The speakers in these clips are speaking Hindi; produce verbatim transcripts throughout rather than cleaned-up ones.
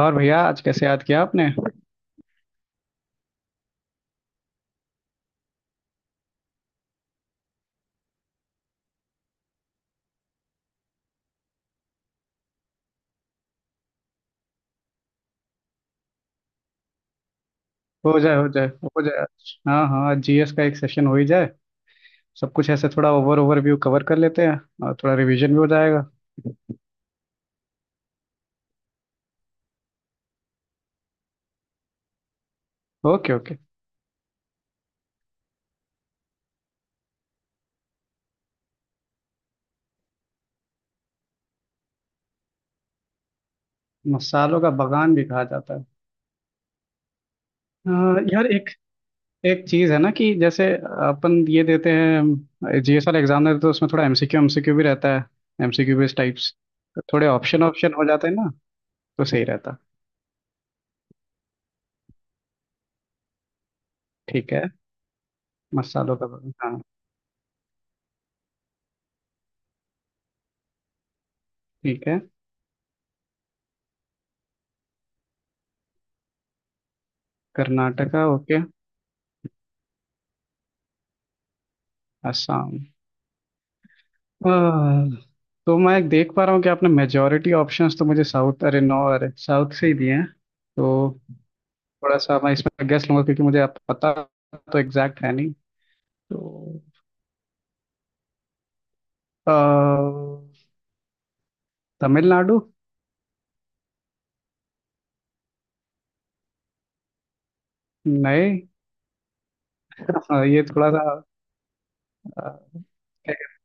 और भैया, आज कैसे याद किया आपने? हो जाए हो जाए हो जाए आज। हाँ हाँ, आज जीएस का एक सेशन हो ही जाए। सब कुछ ऐसे थोड़ा ओवर ओवरव्यू कवर कर लेते हैं। और थोड़ा रिवीजन भी हो जाएगा। Okay okay. मसालों का बगान भी कहा जाता है। अ, यार, एक एक चीज है ना कि जैसे अपन ये देते हैं, जीएस वाला एग्जाम देते हैं, तो उसमें थोड़ा एमसीक्यू एमसीक्यू भी रहता है। MCQ based types. थोड़े ऑप्शन ऑप्शन हो जाते हैं ना, तो सही रहता। ठीक है। मसालों का बगान, हाँ। ठीक है। कर्नाटका, ओके। असम। हाँ, तो मैं देख पा रहा हूँ कि आपने मेजोरिटी ऑप्शंस तो मुझे साउथ, अरे नो, अरे साउथ से ही दिए हैं, तो थोड़ा सा मैं इसमें गेस लूंगा क्योंकि मुझे आप पता, तो एग्जैक्ट है नहीं। तो अ, तमिलनाडु। नहीं। हाँ, ये थोड़ा सा अ, क्या कहते-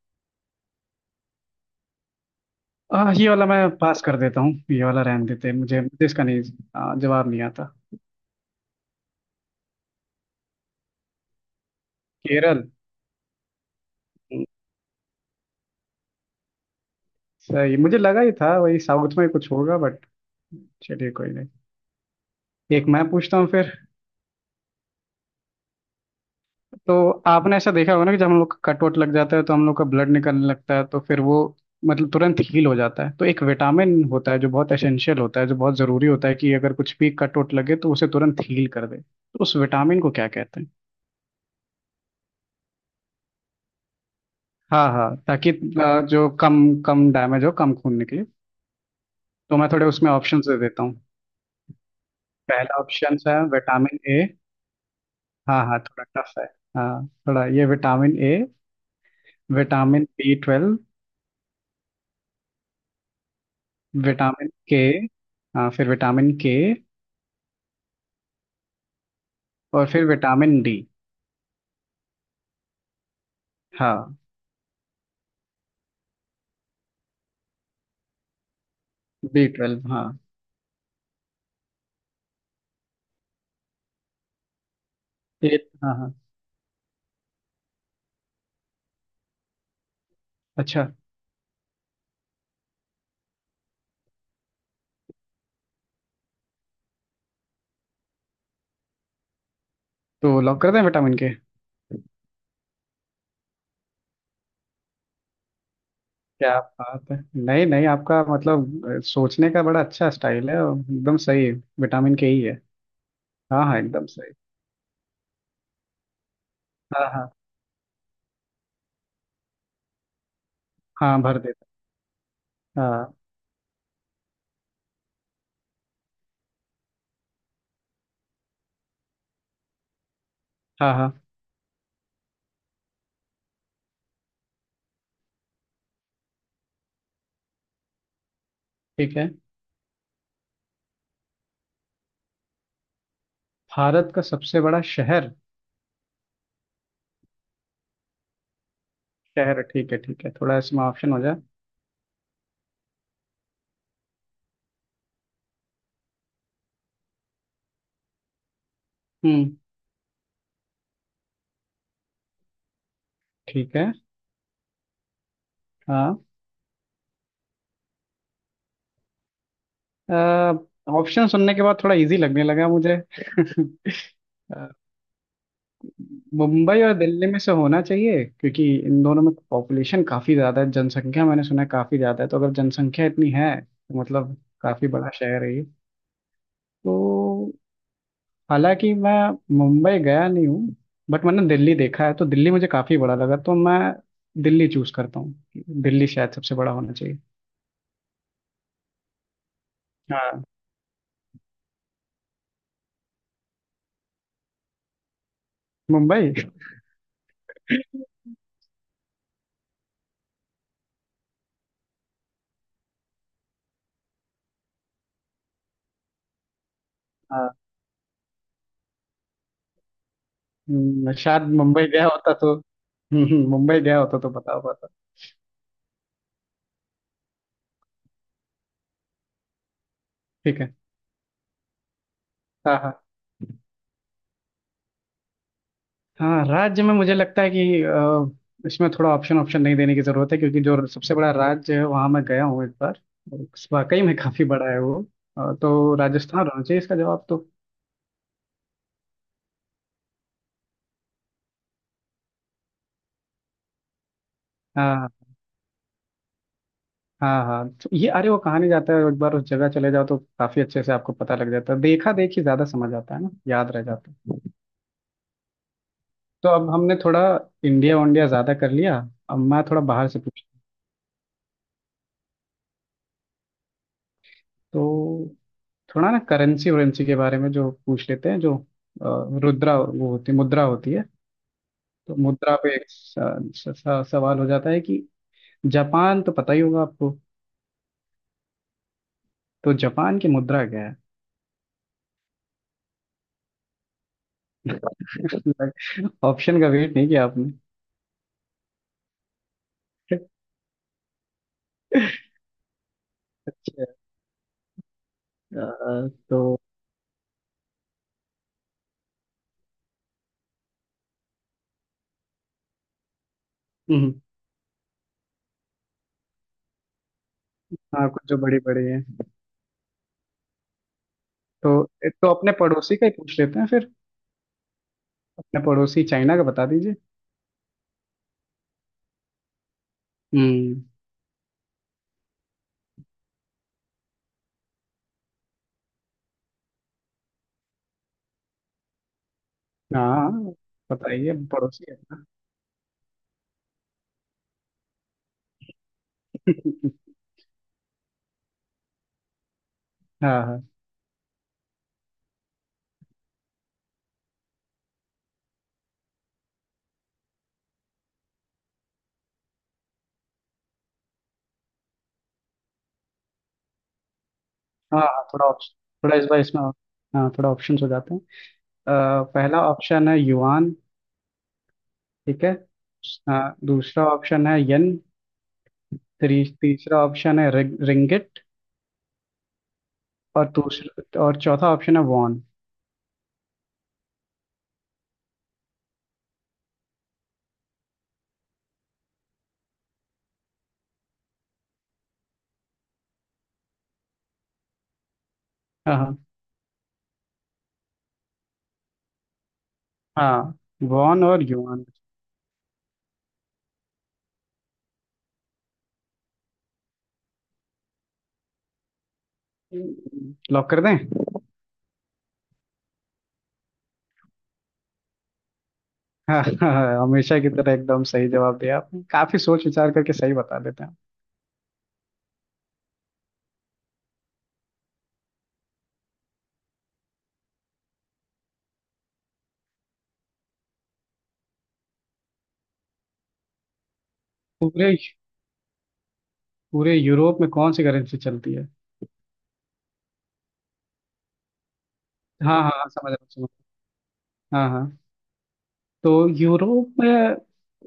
अ, ये वाला मैं पास कर देता हूँ, ये वाला रहने देते हैं, मुझे मुझे इसका नहीं अ, जवाब नहीं आता। केरल। हम्म। सही, मुझे लगा ही था वही साउथ में कुछ होगा, बट चलिए कोई नहीं। एक मैं पूछता हूँ फिर। तो आपने ऐसा देखा होगा ना कि जब हम लोग का कट वट लग जाता है तो हम लोग का ब्लड निकलने लगता है, तो फिर वो मतलब तुरंत हील हो जाता है, तो एक विटामिन होता है जो बहुत एसेंशियल होता है, जो बहुत जरूरी होता है कि अगर कुछ भी कट वट लगे तो उसे तुरंत हील कर दे, तो उस विटामिन को क्या कहते हैं? हाँ हाँ, ताकि अ, जो कम कम डैमेज हो, कम खून निकले। तो मैं थोड़े उसमें ऑप्शन दे देता हूँ। पहला ऑप्शन है विटामिन ए। हाँ हाँ, थोड़ा टफ है। हाँ, थोड़ा ये vitamin A, vitamin B twelve, vitamin के। हाँ, फिर विटामिन के। और फिर विटामिन डी। हाँ। बी ट्वेल्व, हाँ। ये। हाँ हाँ। अच्छा। तो लॉक कर दें विटामिन के? क्या बात है! नहीं नहीं, आपका मतलब अ, सोचने का बड़ा अच्छा स्टाइल है और एकदम सही है। विटामिन के ही है। हाँ हाँ, एकदम सही। हाँ हाँ। हाँ, भर देता। हाँ हाँ। हाँ, ठीक है। भारत का सबसे बड़ा शहर। शहर, ठीक है ठीक है, थोड़ा इसमें ऑप्शन हो जाए। हम्म। ठीक है। हाँ। ऑप्शन सुनने के बाद थोड़ा इजी लगने लगा मुझे। मुंबई और दिल्ली में से होना चाहिए क्योंकि इन दोनों में पॉपुलेशन काफी ज्यादा है, जनसंख्या मैंने सुना है काफी ज्यादा है, तो अगर जनसंख्या इतनी है तो मतलब काफी बड़ा शहर है ये। तो हालांकि मैं मुंबई गया नहीं हूँ, बट मैंने दिल्ली देखा है तो दिल्ली मुझे काफी बड़ा लगा, तो मैं दिल्ली चूज करता हूँ। दिल्ली शायद सबसे बड़ा होना चाहिए। हाँ। मुंबई। हाँ। हम्म, शायद मुंबई गया होता तो हम्म, हम्म, मुंबई गया होता तो बता पाता। ठीक है। हाँ हाँ। हाँ, राज्य में मुझे लगता है कि अ, इसमें थोड़ा ऑप्शन ऑप्शन नहीं देने की जरूरत है क्योंकि जो सबसे बड़ा राज्य है वहाँ मैं गया हूँ एक बार, और वाकई में काफी बड़ा है वो। अ, तो राजस्थान होना चाहिए इसका जवाब। तो हाँ हाँ हाँ, तो ये अरे वो कहानी जाता है, एक बार उस जगह चले जाओ तो काफी अच्छे से आपको पता लग जाता है, देखा देखी ज्यादा समझ आता है ना, याद रह जाता है। तो अब हमने थोड़ा इंडिया वंडिया ज्यादा कर लिया, अब मैं थोड़ा बाहर से पूछ। तो थोड़ा ना करेंसी वरेंसी के बारे में जो पूछ लेते हैं, जो अ, रुद्रा वो होती मुद्रा होती है। तो मुद्रा पे एक स- स- स- सवाल हो जाता है कि जापान तो पता ही होगा आपको। तो जापान की मुद्रा क्या है? ऑप्शन का वेट नहीं किया आपने? अच्छा। अ, तो हम्म। हाँ, कुछ जो बड़ी बड़ी है तो तो अपने पड़ोसी का ही पूछ लेते हैं फिर। अपने पड़ोसी चाइना का बता दीजिए। हम्म। हाँ, पता ही है, पड़ोसी है। हाँ हाँ हाँ हाँ, थोड़ा ऑप्शन, थोड़ा इस बार इसमें, हाँ, थोड़ा ऑप्शन हो जाते हैं। अ, पहला ऑप्शन है युआन। ठीक है। हाँ, दूसरा ऑप्शन है यन। त्री, तीसरा ऑप्शन है रिग, रिंगिट। और दूसरा और चौथा ऑप्शन है वॉन। हाँ हाँ। वॉन और युआन। लॉक कर दें? हाँ हाँ, हमेशा की तरह एकदम सही जवाब दिया आपने, काफी सोच विचार करके सही बता देते हैं। पूरे पूरे यूरोप में कौन सी करेंसी चलती है? हाँ हाँ हाँ, समझ रहा हूँ, समझ रहा हूँ। हाँ हाँ। तो यूरोप में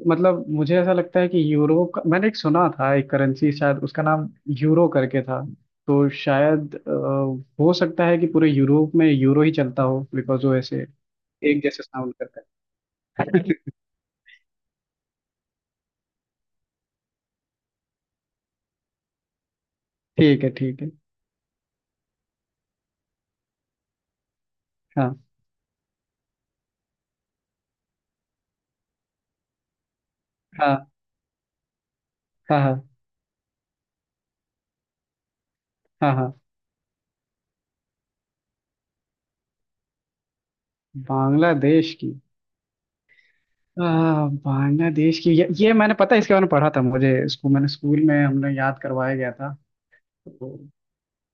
मतलब मुझे ऐसा लगता है कि यूरो का मैंने एक सुना था, एक करेंसी शायद उसका नाम यूरो करके था। तो शायद अ, हो सकता है कि पूरे यूरोप में यूरो ही चलता हो बिकॉज वो ऐसे एक जैसे साउंड करता है। ठीक है ठीक है। हाँ हाँ हाँ हाँ हाँ। हाँ। बांग्लादेश की आ, बांग्लादेश की ये, ये मैंने पता है, इसके बारे में पढ़ा था, मुझे स्कूल, मैंने स्कूल में हमने याद करवाया गया था। तो,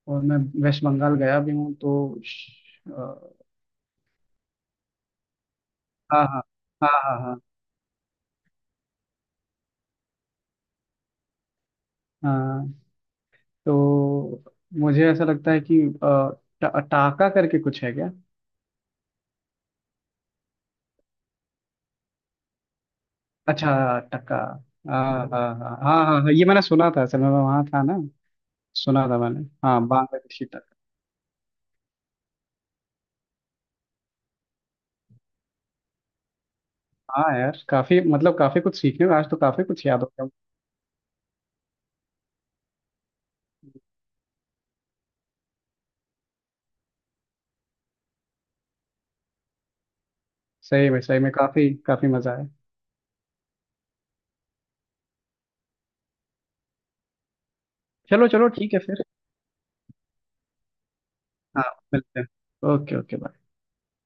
और मैं वेस्ट बंगाल गया भी हूँ तो हाँ हाँ हाँ हाँ हाँ हाँ। तो मुझे ऐसा लगता है कि अ, ट- टाका करके कुछ है क्या? अच्छा, टका। हाँ। हाँ हाँ हाँ हाँ हाँ, ये मैंने सुना था, असल में मैं वहाँ था ना, सुना था मैंने, हाँ, बांग्लादेशी टका। हाँ, यार, काफी मतलब काफी कुछ सीखने में, आज तो काफी कुछ याद हो गया। सही में सही में काफी काफी मजा आया। चलो चलो, ठीक है फिर। हाँ, मिलते हैं। Okay okay, bye.